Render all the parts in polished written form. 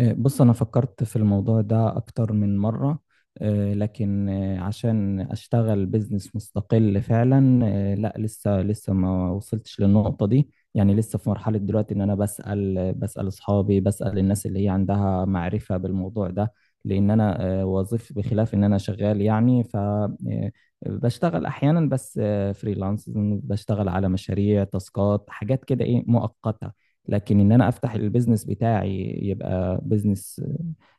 بص، أنا فكرت في الموضوع ده أكتر من مرة، لكن عشان أشتغل بزنس مستقل فعلا، لا لسه ما وصلتش للنقطة دي. يعني لسه في مرحلة دلوقتي إن أنا بسأل أصحابي، بسأل الناس اللي هي عندها معرفة بالموضوع ده. لأن أنا وظيف بخلاف إن أنا شغال يعني. ف آه، بشتغل أحيانا بس، فريلانس، بشتغل على مشاريع، تاسكات، حاجات كده، إيه، مؤقتة. لكن ان انا افتح البيزنس بتاعي يبقى بيزنس،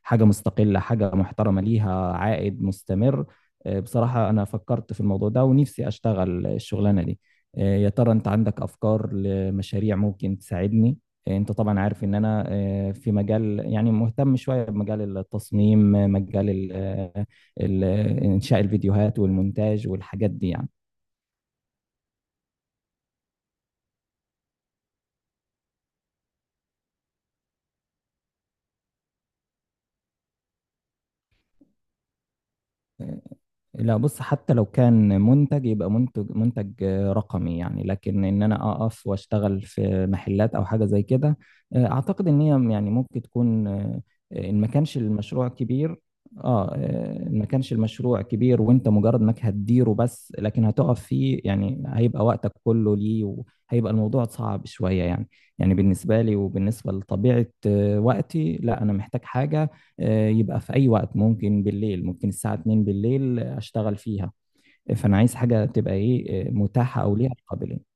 حاجه مستقله، حاجه محترمه ليها عائد مستمر. بصراحه انا فكرت في الموضوع ده ونفسي اشتغل الشغلانه دي. يا ترى انت عندك افكار لمشاريع ممكن تساعدني؟ انت طبعا عارف ان انا في مجال، يعني مهتم شويه بمجال التصميم، مجال انشاء الفيديوهات والمونتاج والحاجات دي يعني. آه، لا بص، حتى لو كان منتج يبقى منتج، رقمي يعني. لكن ان انا اقف واشتغل في محلات او حاجه زي كده، اعتقد ان هي يعني ممكن تكون، ان ما كانش المشروع كبير. اه. ان ما كانش المشروع كبير وانت مجرد انك هتديره بس، لكن هتقف فيه يعني هيبقى وقتك كله ليه، وهيبقى الموضوع صعب شويه يعني. يعني بالنسبه لي وبالنسبه لطبيعه وقتي، لا انا محتاج حاجه، يبقى في أي وقت، ممكن بالليل، ممكن الساعة 2 بالليل أشتغل فيها. فأنا عايز حاجة تبقى إيه، متاحة أو ليها قابلية.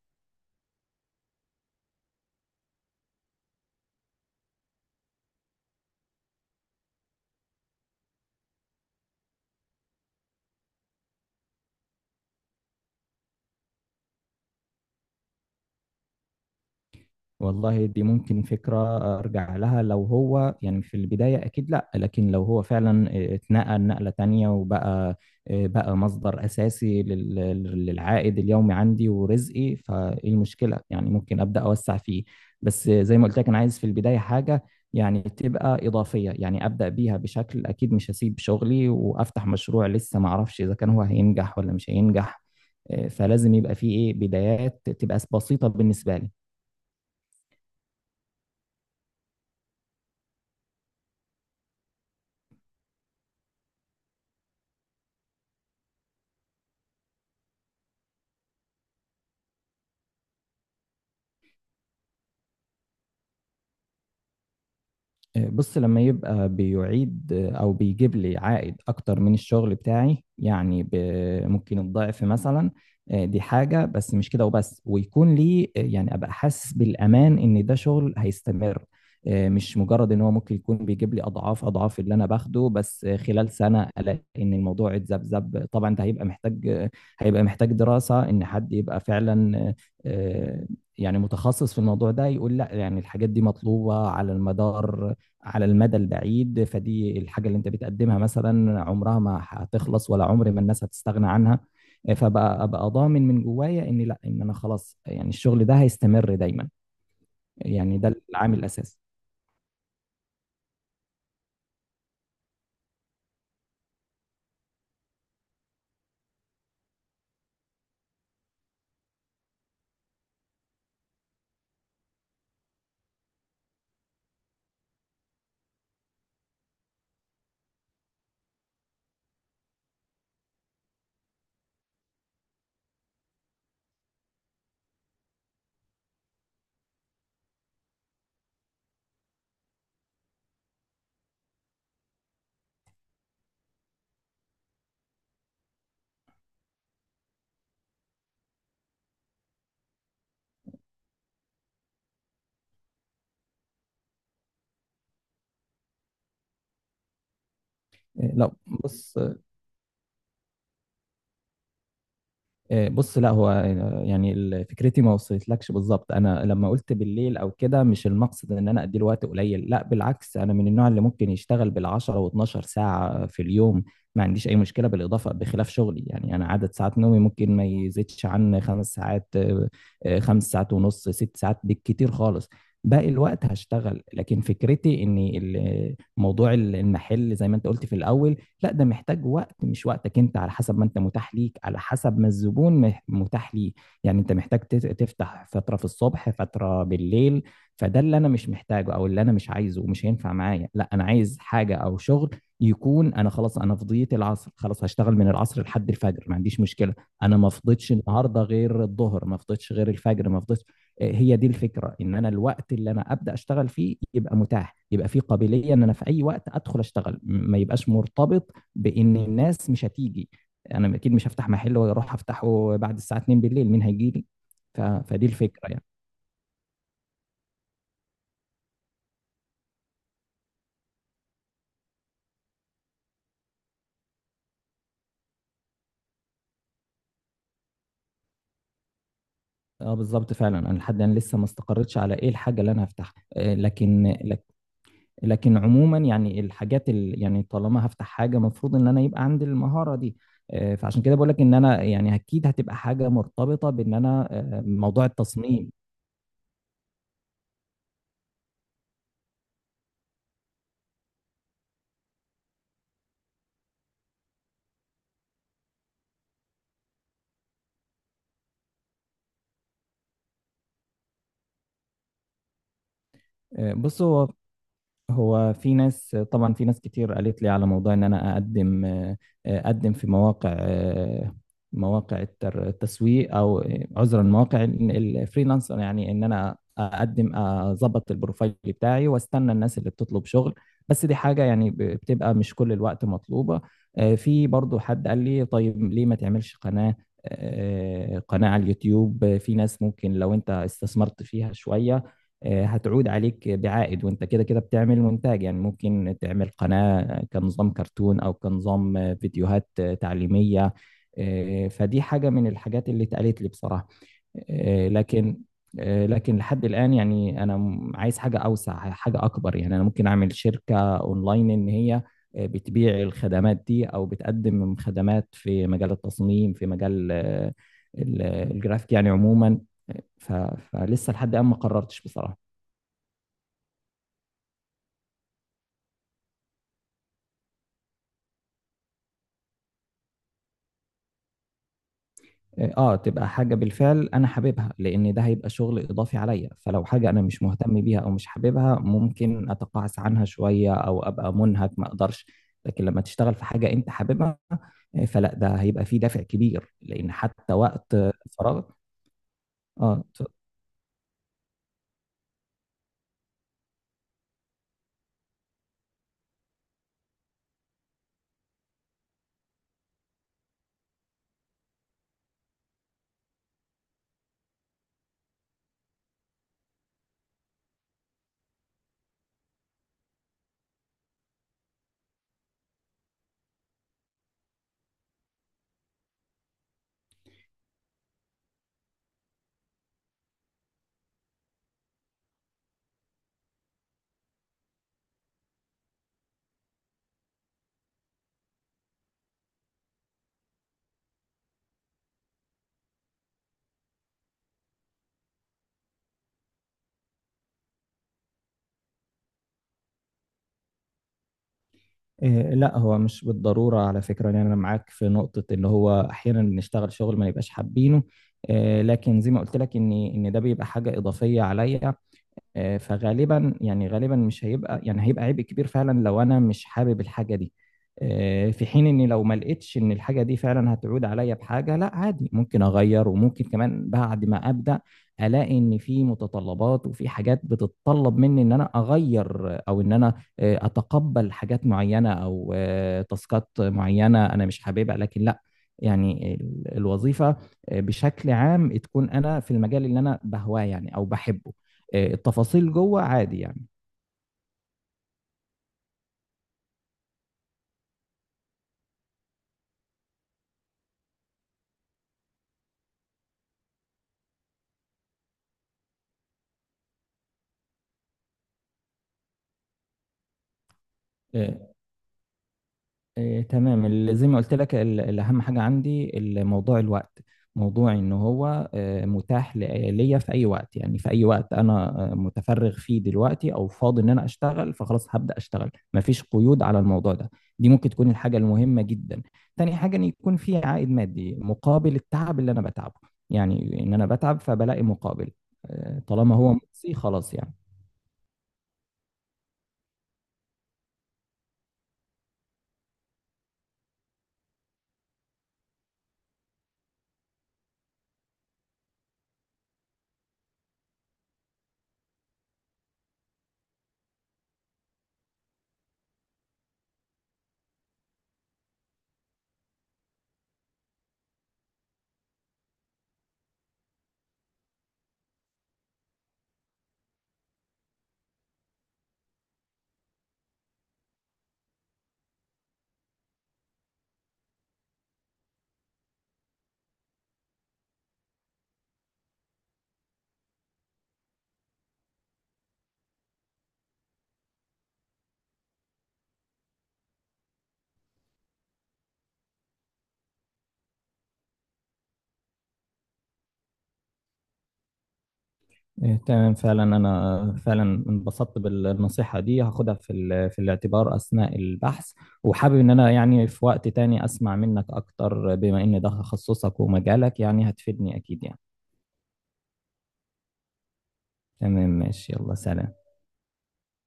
والله دي ممكن فكرة أرجع لها. لو هو يعني في البداية أكيد لأ، لكن لو هو فعلا اتنقل نقلة تانية وبقى مصدر أساسي للعائد اليومي عندي ورزقي، فإيه المشكلة؟ يعني ممكن أبدأ أوسع فيه. بس زي ما قلت لك، أنا عايز في البداية حاجة يعني تبقى إضافية، يعني أبدأ بيها. بشكل أكيد مش هسيب شغلي وأفتح مشروع لسه معرفش إذا كان هو هينجح ولا مش هينجح. فلازم يبقى فيه إيه بدايات تبقى بسيطة بالنسبة لي. بص، لما يبقى بيعيد او بيجيب لي عائد اكتر من الشغل بتاعي، يعني ممكن الضعف مثلا. دي حاجة، بس مش كده وبس. ويكون لي يعني ابقى حاسس بالامان ان ده شغل هيستمر. مش مجرد ان هو ممكن يكون بيجيب لي اضعاف اضعاف اللي انا باخده، بس خلال سنة الاقي ان الموضوع اتذبذب، طبعا ده هيبقى محتاج، دراسة ان حد يبقى فعلا، آه، يعني متخصص في الموضوع ده، يقول لا يعني الحاجات دي مطلوبة على المدار، على المدى البعيد. فدي الحاجة اللي انت بتقدمها مثلا عمرها ما هتخلص، ولا عمر ما الناس هتستغنى عنها. فبقى ابقى ضامن من جوايا، ان لا، ان انا خلاص يعني الشغل ده هيستمر دايما. يعني ده العامل الاساسي. لو بص بص، لا هو يعني فكرتي ما وصلتلكش بالظبط. انا لما قلت بالليل او كده، مش المقصد ان انا اديله وقت قليل. لا بالعكس، انا من النوع اللي ممكن يشتغل بال10 و12 ساعه في اليوم، ما عنديش اي مشكله بالاضافه بخلاف شغلي يعني. انا عدد ساعات نومي ممكن ما يزيدش عن 5 ساعات، 5 ساعات ونص، 6 ساعات بالكتير خالص. باقي الوقت هشتغل. لكن فكرتي ان موضوع المحل زي ما انت قلت في الاول، لا ده محتاج وقت، مش وقتك انت، على حسب ما انت متاح ليك، على حسب ما الزبون متاح ليه. يعني انت محتاج تفتح فترة في الصبح، فترة بالليل. فده اللي انا مش محتاجه او اللي انا مش عايزه، ومش هينفع معايا. لا، انا عايز حاجة او شغل يكون انا خلاص، انا فضيت العصر خلاص هشتغل من العصر لحد الفجر، ما عنديش مشكلة. انا ما فضيتش النهارده غير الظهر، ما فضيتش غير الفجر، ما فضيتش. هي دي الفكره، ان انا الوقت اللي انا ابدا اشتغل فيه يبقى متاح، يبقى فيه قابليه ان انا في اي وقت ادخل اشتغل، ما يبقاش مرتبط بان الناس مش هتيجي. انا اكيد مش هفتح محل واروح افتحه بعد الساعه 2 بالليل، مين هيجي لي؟ فدي الفكره يعني. اه، بالظبط فعلا، انا لحد الان لسه ما استقرتش على ايه الحاجه اللي انا هفتحها، لكن لكن عموما يعني الحاجات يعني طالما هفتح حاجه المفروض ان انا يبقى عندي المهاره دي. فعشان كده بقول لك ان انا، يعني اكيد هتبقى حاجه مرتبطه بان انا، موضوع التصميم. بص. هو في ناس، طبعا في ناس كتير قالت لي على موضوع ان انا اقدم، اقدم في مواقع، مواقع التسويق، او عذرا مواقع الفريلانسر، يعني ان انا اقدم اظبط البروفايل بتاعي، واستنى الناس اللي بتطلب شغل. بس دي حاجة يعني بتبقى مش كل الوقت مطلوبة. في برضو حد قال لي، طيب ليه ما تعملش قناة؟ قناة على اليوتيوب. في ناس ممكن لو انت استثمرت فيها شوية، هتعود عليك بعائد، وانت كده كده بتعمل مونتاج، يعني ممكن تعمل قناة كنظام كرتون او كنظام فيديوهات تعليمية. فدي حاجة من الحاجات اللي اتقالت لي بصراحة. آه، لكن لكن لحد الآن يعني، أنا عايز حاجة أوسع، حاجة أكبر. يعني أنا ممكن أعمل شركة أونلاين إن هي بتبيع الخدمات دي أو بتقدم خدمات في مجال التصميم، في مجال الجرافيك يعني عموما. فلسه لحد الآن ما قررتش بصراحة. اه، تبقى حاجة بالفعل انا حاببها، لان ده هيبقى شغل اضافي عليا. فلو حاجة انا مش مهتم بيها او مش حاببها، ممكن اتقاعس عنها شوية، او ابقى منهك ما اقدرش. لكن لما تشتغل في حاجة انت حاببها، فلا ده هيبقى فيه دافع كبير، لان حتى وقت فراغ. اه. لا هو مش بالضرورة على فكرة، يعني انا معاك في نقطة ان هو احيانا بنشتغل شغل ما نبقاش حابينه. لكن زي ما قلت لك ان ده بيبقى حاجة اضافية عليا. فغالبا، يعني غالبا مش هيبقى، يعني هيبقى عبء كبير فعلا لو انا مش حابب الحاجه دي. في حين اني لو ما لقيتش ان الحاجه دي فعلا هتعود عليا بحاجه، لا عادي ممكن اغير. وممكن كمان بعد ما ابدا الاقي ان في متطلبات وفي حاجات بتتطلب مني ان انا اغير، او ان انا اتقبل حاجات معينه او تاسكات معينه انا مش حاببها، لكن لا. يعني الوظيفه بشكل عام تكون انا في المجال اللي انا بهواه، يعني او بحبه. التفاصيل جوه عادي يعني. آه، تمام. زي ما قلت لك، الأهم حاجة عندي موضوع الوقت، موضوع إن هو متاح ليا في أي وقت، يعني في أي وقت أنا متفرغ فيه دلوقتي أو فاضي إن أنا أشتغل، فخلاص هبدأ أشتغل، مفيش قيود على الموضوع ده. دي ممكن تكون الحاجة المهمة جدا. تاني حاجة إن يكون في عائد مادي مقابل التعب اللي أنا بتعبه، يعني إن أنا بتعب فبلاقي مقابل. طالما هو مجزي، خلاص يعني. إيه، تمام فعلا، أنا فعلا انبسطت بالنصيحة دي، هاخدها في في الاعتبار أثناء البحث. وحابب إن أنا يعني في وقت تاني أسمع منك أكتر، بما إن ده تخصصك ومجالك يعني هتفيدني أكيد يعني. تمام، ماشي، يلا سلام.